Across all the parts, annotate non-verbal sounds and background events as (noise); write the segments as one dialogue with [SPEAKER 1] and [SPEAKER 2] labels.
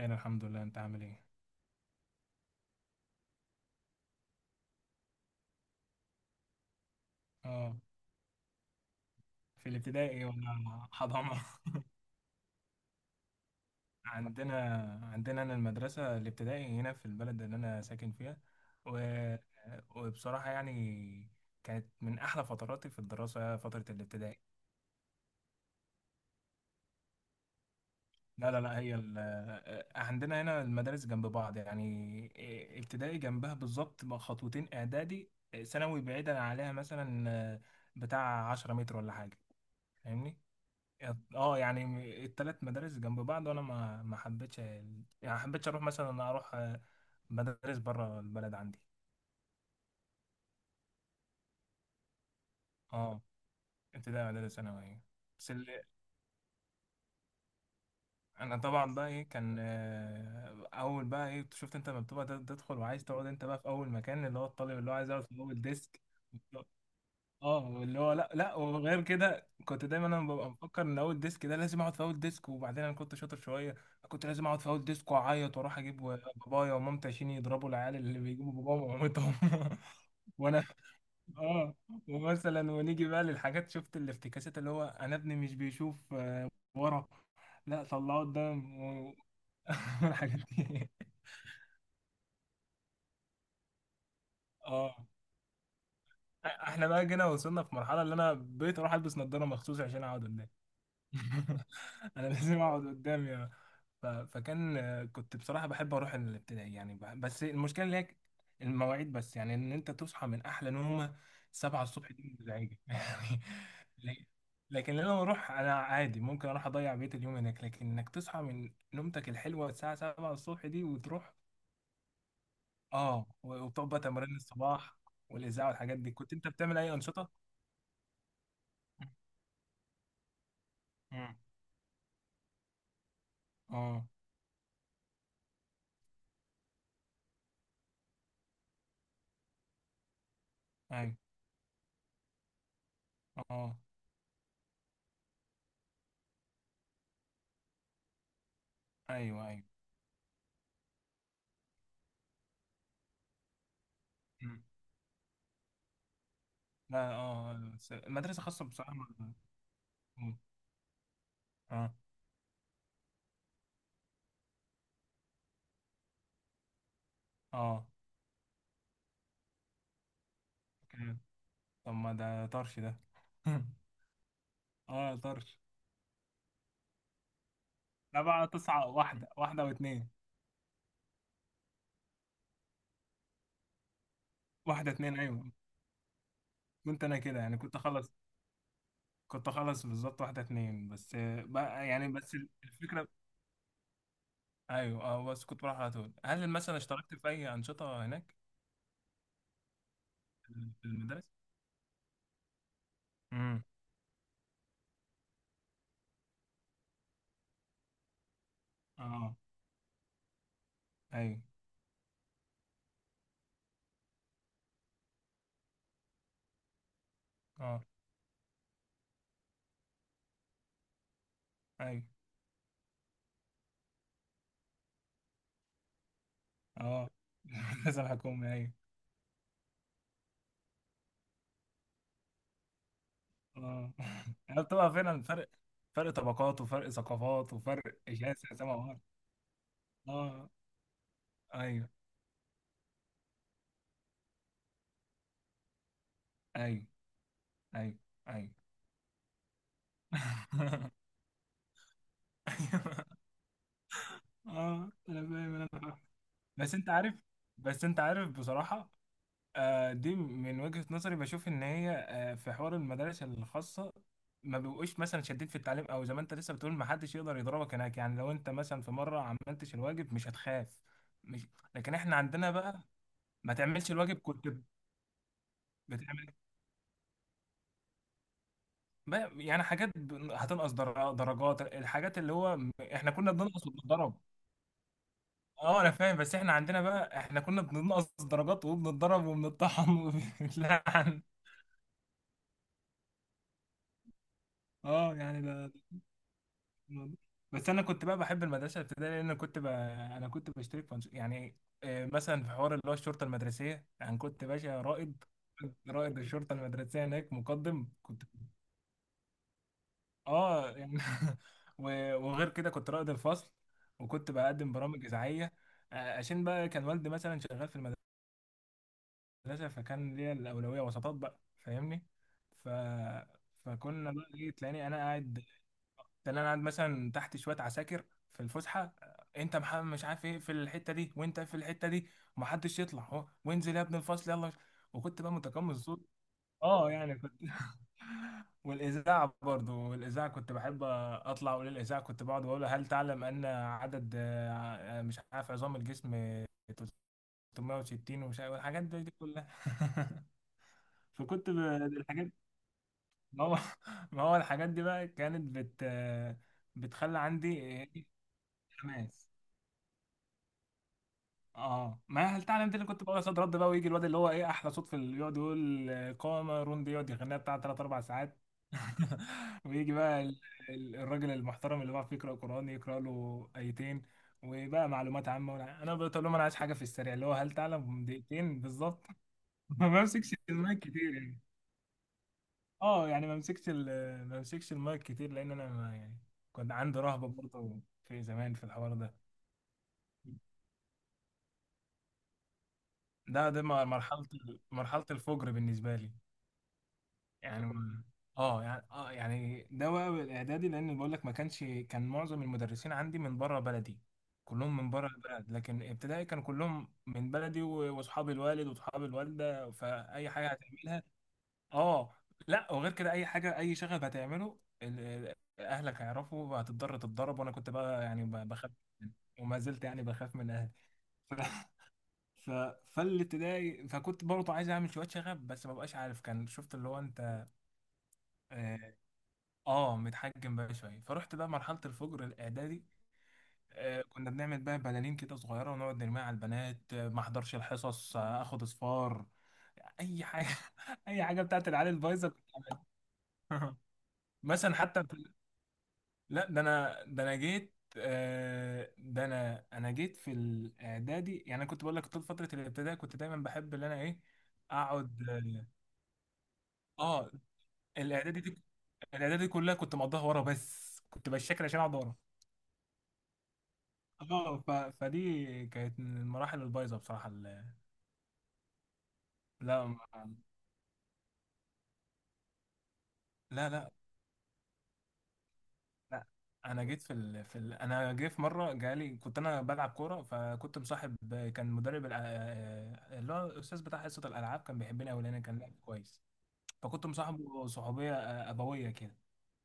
[SPEAKER 1] انا الحمد لله، انت عامل ايه؟ اه. في الابتدائي ولا حضانة؟ (laughs) عندنا عندنا. انا المدرسة الابتدائي هنا في البلد اللي انا ساكن فيها و... وبصراحة يعني، كانت من احلى فتراتي في الدراسة فترة الابتدائي. لا، لا، لا. عندنا هنا المدارس جنب بعض، يعني ابتدائي جنبها بالظبط خطوتين، اعدادي ثانوي بعيدا عليها مثلا بتاع 10 متر ولا حاجة. فاهمني. اه، يعني التلات مدارس جنب بعض، وانا ما حبيتش يعني ما حبيتش اروح مثلا، انا اروح مدارس بره البلد عندي. اه. ابتدائي، اعدادي، ثانوي. بس اللي انا طبعا بقى ايه، كان اول بقى ايه شفت انت لما بتبقى تدخل وعايز تقعد، انت بقى في اول مكان، اللي هو الطالب اللي هو عايز يقعد في اول ديسك. اه، اللي هو لا، لا، وغير كده كنت دايما انا ببقى مفكر ان اول ديسك ده لازم اقعد في اول ديسك، وبعدين انا كنت شاطر شويه. كنت لازم اقعد في اول ديسك واعيط واروح اجيب بابايا ومامتي عشان يضربوا العيال اللي بيجيبوا باباهم ومامتهم. (laughs) وانا اه، ومثلا ونيجي بقى للحاجات، شفت الافتكاسات اللي هو انا ابني مش بيشوف ورا. لا، طلعه قدام (laughs) الحاجات دي. اه، احنا بقى جينا وصلنا في مرحله اللي انا بقيت اروح البس نظاره مخصوص عشان اقعد قدام. (laughs) انا لازم اقعد قدام يا فكان كنت بصراحه بحب اروح الابتدائي، يعني بس المشكله اللي هي المواعيد، بس يعني ان انت تصحى من احلى نومه 7 الصبح دي مزعجه (laughs) يعني. ل- لكن لما اروح انا عادي، ممكن اروح اضيع بيت اليوم هناك، لكن انك تصحى من نومتك الحلوه الساعه 7 الصبح دي وتروح. اه وبتقعد بقى تمارين الصباح والاذاعه والحاجات دي. كنت انت بتعمل اي انشطه؟ مم. اه. ايوه. اه، ايوه، ايوه. لا، اه، بس المدرسة خاصة بصراحة اه، اه، اوكي. طب ما ده طرش ده. (laughs) اه طرش. لا بقى، تسعة، واحدة، واحدة واتنين. واحدة، اتنين، ايوه. كنت انا كده، يعني كنت اخلص. كنت اخلص بالظبط واحدة اتنين، بس بقى يعني، بس. الفكرة. ايوه، اه، بس كنت بروح على طول. هل مثلا اشتركت في اي انشطة هناك في المدارس؟ امم. اه، ايوه. اه، ايوه، اه. (laughs) المدرسة الحكومية، ايوه. اه. (laughs) يعني بتبقى فعلا فرق. فرق طبقات، وفرق ثقافات، وفرق شاسع، سما وارض. اه. ايوه، ايوه، ايوه، ايوه، (laughs) ايوه. اه، انا فاهم، انا فاهم. بس انت عارف بس انت عارف بصراحة. دي من وجهة نظري بشوف ان هي، في حوار المدارس الخاصة ما بيبقوش مثلا شادين في التعليم، او زي ما انت لسه بتقول ما حدش يقدر يضربك هناك، يعني لو انت مثلا في مرة عملتش الواجب مش هتخاف. مش لكن احنا عندنا بقى، ما تعملش الواجب كنت بتعمل يعني حاجات هتنقص درجات، الحاجات اللي هو احنا كنا بننقص وبنتضرب. اه، انا فاهم، بس احنا عندنا بقى، احنا كنا بننقص درجات وبنتضرب وبنطحن وبنتلعن. اه، يعني ده الموضوع. بس انا كنت بقى بحب المدرسه الابتدائيه، لان كنت انا كنت بشترك في يعني مثلا في حوار اللي هو الشرطه المدرسيه، يعني كنت باشا رائد. رائد الشرطه المدرسيه هناك، مقدم كنت. اه يعني. (laughs) وغير كده كنت رائد الفصل، وكنت بقدم برامج اذاعيه عشان بقى كان والدي مثلا شغال في المدرسه، فكان ليا الاولويه وسطات بقى، فاهمني. ف فكنا بقى ايه، تلاقيني انا قاعد مثلا تحت شويه عساكر في الفسحه. انت محمد مش عارف ايه في الحته دي، وانت في الحته دي، ومحدش يطلع اهو، وانزل يا ابن الفصل يلا. وكنت بقى متقمص. اه يعني كنت. (laughs) والاذاعه برضو، والاذاعه كنت بحب اطلع اقول الاذاعه، كنت بقعد واقول هل تعلم ان عدد مش عارف عظام الجسم 360 ومش عارف، الحاجات دي كلها. (laughs) فكنت الحاجات، ما هو ما هو الحاجات دي بقى كانت بتخلي عندي إيه، حماس. اه، ما هل تعلم دي اللي كنت بقول صوت رد بقى، ويجي الواد اللي هو ايه احلى صوت في يقعد يقول قامة روندي، يقعد يغنيها بتاع تلات اربع ساعات. (laughs) ويجي بقى الراجل المحترم اللي بيعرف يقرا قران، يقرا له ايتين. وبقى معلومات عامه انا بقول لهم انا عايز حاجه في السريع، اللي هو هل تعلم دقيقتين بالظبط. (laughs) ما بمسكش المايك كتير يعني. اه يعني ما بمسكش المايك كتير لان انا، ما يعني كنت عندي رهبه برضه في زمان في الحوار ده. مرحله، مرحله الفجر بالنسبه لي. يعني يعني ده بقى الاعدادي، لان بقول لك ما كانش، كان معظم المدرسين عندي من بره بلدي، كلهم من بره البلد، لكن ابتدائي كانوا كلهم من بلدي واصحاب الوالد واصحاب الوالده، فاي حاجه هتعملها اه. لا، وغير كده اي حاجه، اي شغف هتعمله اهلك هيعرفوا وهتضطر تتضرب، وانا كنت بقى يعني بخاف. (laughs) وما زلت يعني بخاف من اهلي. ف... (laughs) ف... فالابتدائي، فكنت برضه عايز اعمل شويه شغف، بس ما بقاش عارف كان، شفت اللي هو انت آه اه، متحجم بقى شويه، فرحت بقى مرحله الفجر الاعدادي. كنا بنعمل بقى بلالين كده صغيره ونقعد نرميها على البنات، ما احضرش الحصص، اخد اصفار، اي حاجه. (laughs) اي حاجه بتاعت العيال البايظه. (laughs) مثلا حتى لا ده انا جيت، ده انا جيت في الاعدادي، يعني انا كنت بقول لك طول فتره الابتدائي كنت دايما بحب ان انا ايه، اقعد اه. الاعدادي دي الاعدادي دي كلها كنت مقضيها ورا، بس كنت بشكل عشان اقعد ورا. اه فدي كانت من المراحل البايظه بصراحه لا لا، لا، لا. انا جيت في انا جيت في مره جالي كنت انا بلعب كوره، فكنت مصاحب. كان مدرب اللي هو الاستاذ بتاع حصه الالعاب، كان بيحبني قوي لان كان لاعب كويس. فكنت مصاحبه صحوبيه ابويه كده.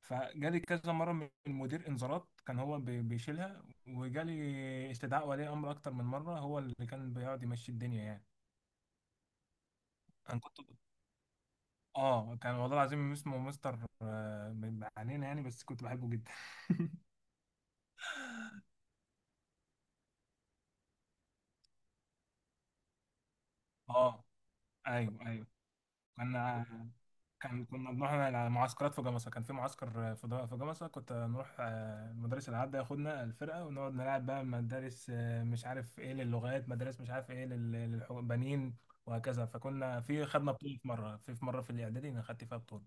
[SPEAKER 1] فجالي كذا مره من مدير انذارات، كان هو بيشيلها، وجالي استدعاء ولي امر اكتر من مره، هو اللي كان بيقعد يمشي الدنيا يعني. انا كنت اه كان والله العظيم اسمه مستر علينا يعني، بس كنت بحبه جدا. (laughs) اه، ايوه، ايوه. كان كان كنا بنروح على معسكرات في جمصة، كان في معسكر في جمصة، كنت نروح مدرس الألعاب ده ياخدنا الفرقة ونقعد نلعب بقى مدارس، مش عارف ايه للغات، مدارس مش عارف ايه للبنين، وهكذا. فكنا خدنا بطولة في مرة في مرة في الإعدادي أنا خدت فيها بطولة.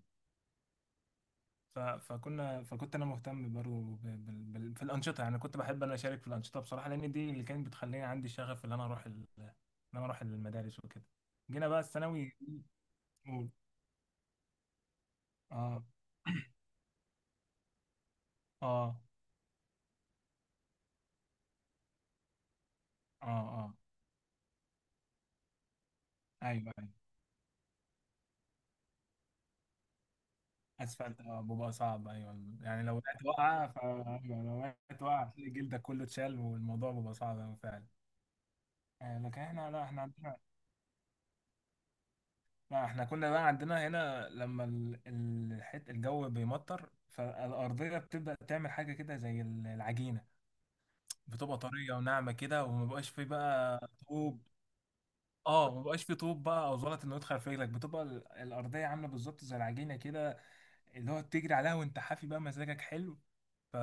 [SPEAKER 1] فكنت انا مهتم برضه في الانشطه، يعني كنت بحب انا اشارك في الانشطه بصراحه، لان دي اللي كانت بتخليني عندي شغف ان انا اروح المدارس وكده. جينا بقى الثانوي. قول. اه، اه، اه، اه، ايوه، ايوه. اسفلت، اه، بيبقى صعب، ايوه، يعني لو وقعت وقعه. أيوة، لو وقعت وقعه هتلاقي جلدك كله اتشال، والموضوع بيبقى صعب أوي فعلا. لكن احنا، لا احنا عندنا، ما احنا كنا بقى عندنا هنا لما الحت الجو بيمطر، فالأرضية بتبدأ تعمل حاجة كده زي العجينة. بتبقى طرية وناعمة كده، وما بقاش فيه بقى طوب. اه، ما بقاش فيه طوب بقى او زلط انه يدخل في رجلك، بتبقى الأرضية عاملة بالظبط زي العجينة كده، اللي هو بتجري عليها وانت حافي بقى، مزاجك حلو. ف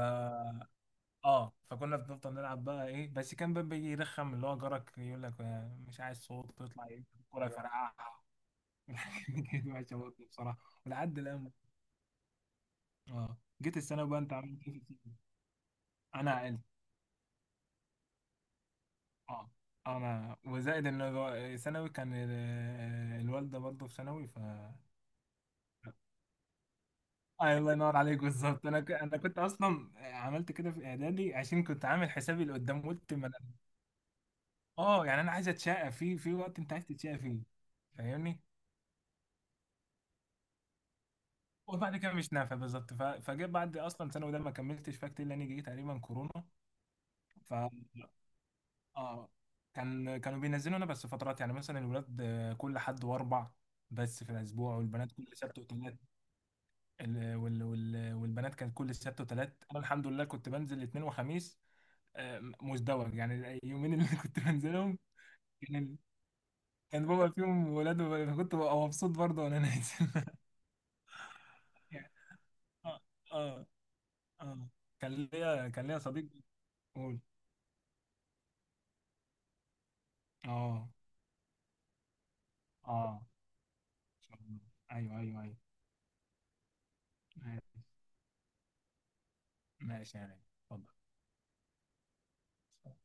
[SPEAKER 1] اه فكنا بنفضل نلعب بقى ايه، بس كان بقى بيجي يرخم اللي هو جارك يقول لك مش عايز صوت، تطلع يمسك الكورة يفرقعها. (laughs) كده وحشة برضه بصراحة. ولحد الآن. اه، جيت الثانوي بقى، انت عامل ايه في الثانوي؟ انا عقلت. اه، انا وزائد ان ثانوي كان الوالده برضه في ثانوي ف. آه، الله ينور عليك بالظبط. انا كنت اصلا عملت كده في اعدادي، عشان كنت عامل حسابي لقدام، قلت ما أنا- اه، يعني انا عايز اتشقى في في وقت انت عايز تتشقى فيه. فاهمني. وبعد كده مش نافع بالظبط. فجيت بعد اصلا، ثانوي ده ما كملتش فيها كتير، لان جه تقريبا كورونا. اه، كانوا بينزلوا انا بس فترات، يعني مثلا الولاد كل حد واربع بس في الاسبوع، والبنات كل سبت وثلاث. والبنات كانت كل سبت وثلاث، انا الحمد لله كنت بنزل الاثنين وخميس. مزدوج يعني، اليومين اللي (laughs) كنت بنزلهم. كان كان بابا فيهم ولاد كنت ببقى مبسوط برضه وانا نازل. (laughs) يعني، اه، اه اه كان ليا صديق. قول. اه، اه. إن شاء الله. ايوه، ايوه، ايوه. ماشي يا غالي. اتفضل.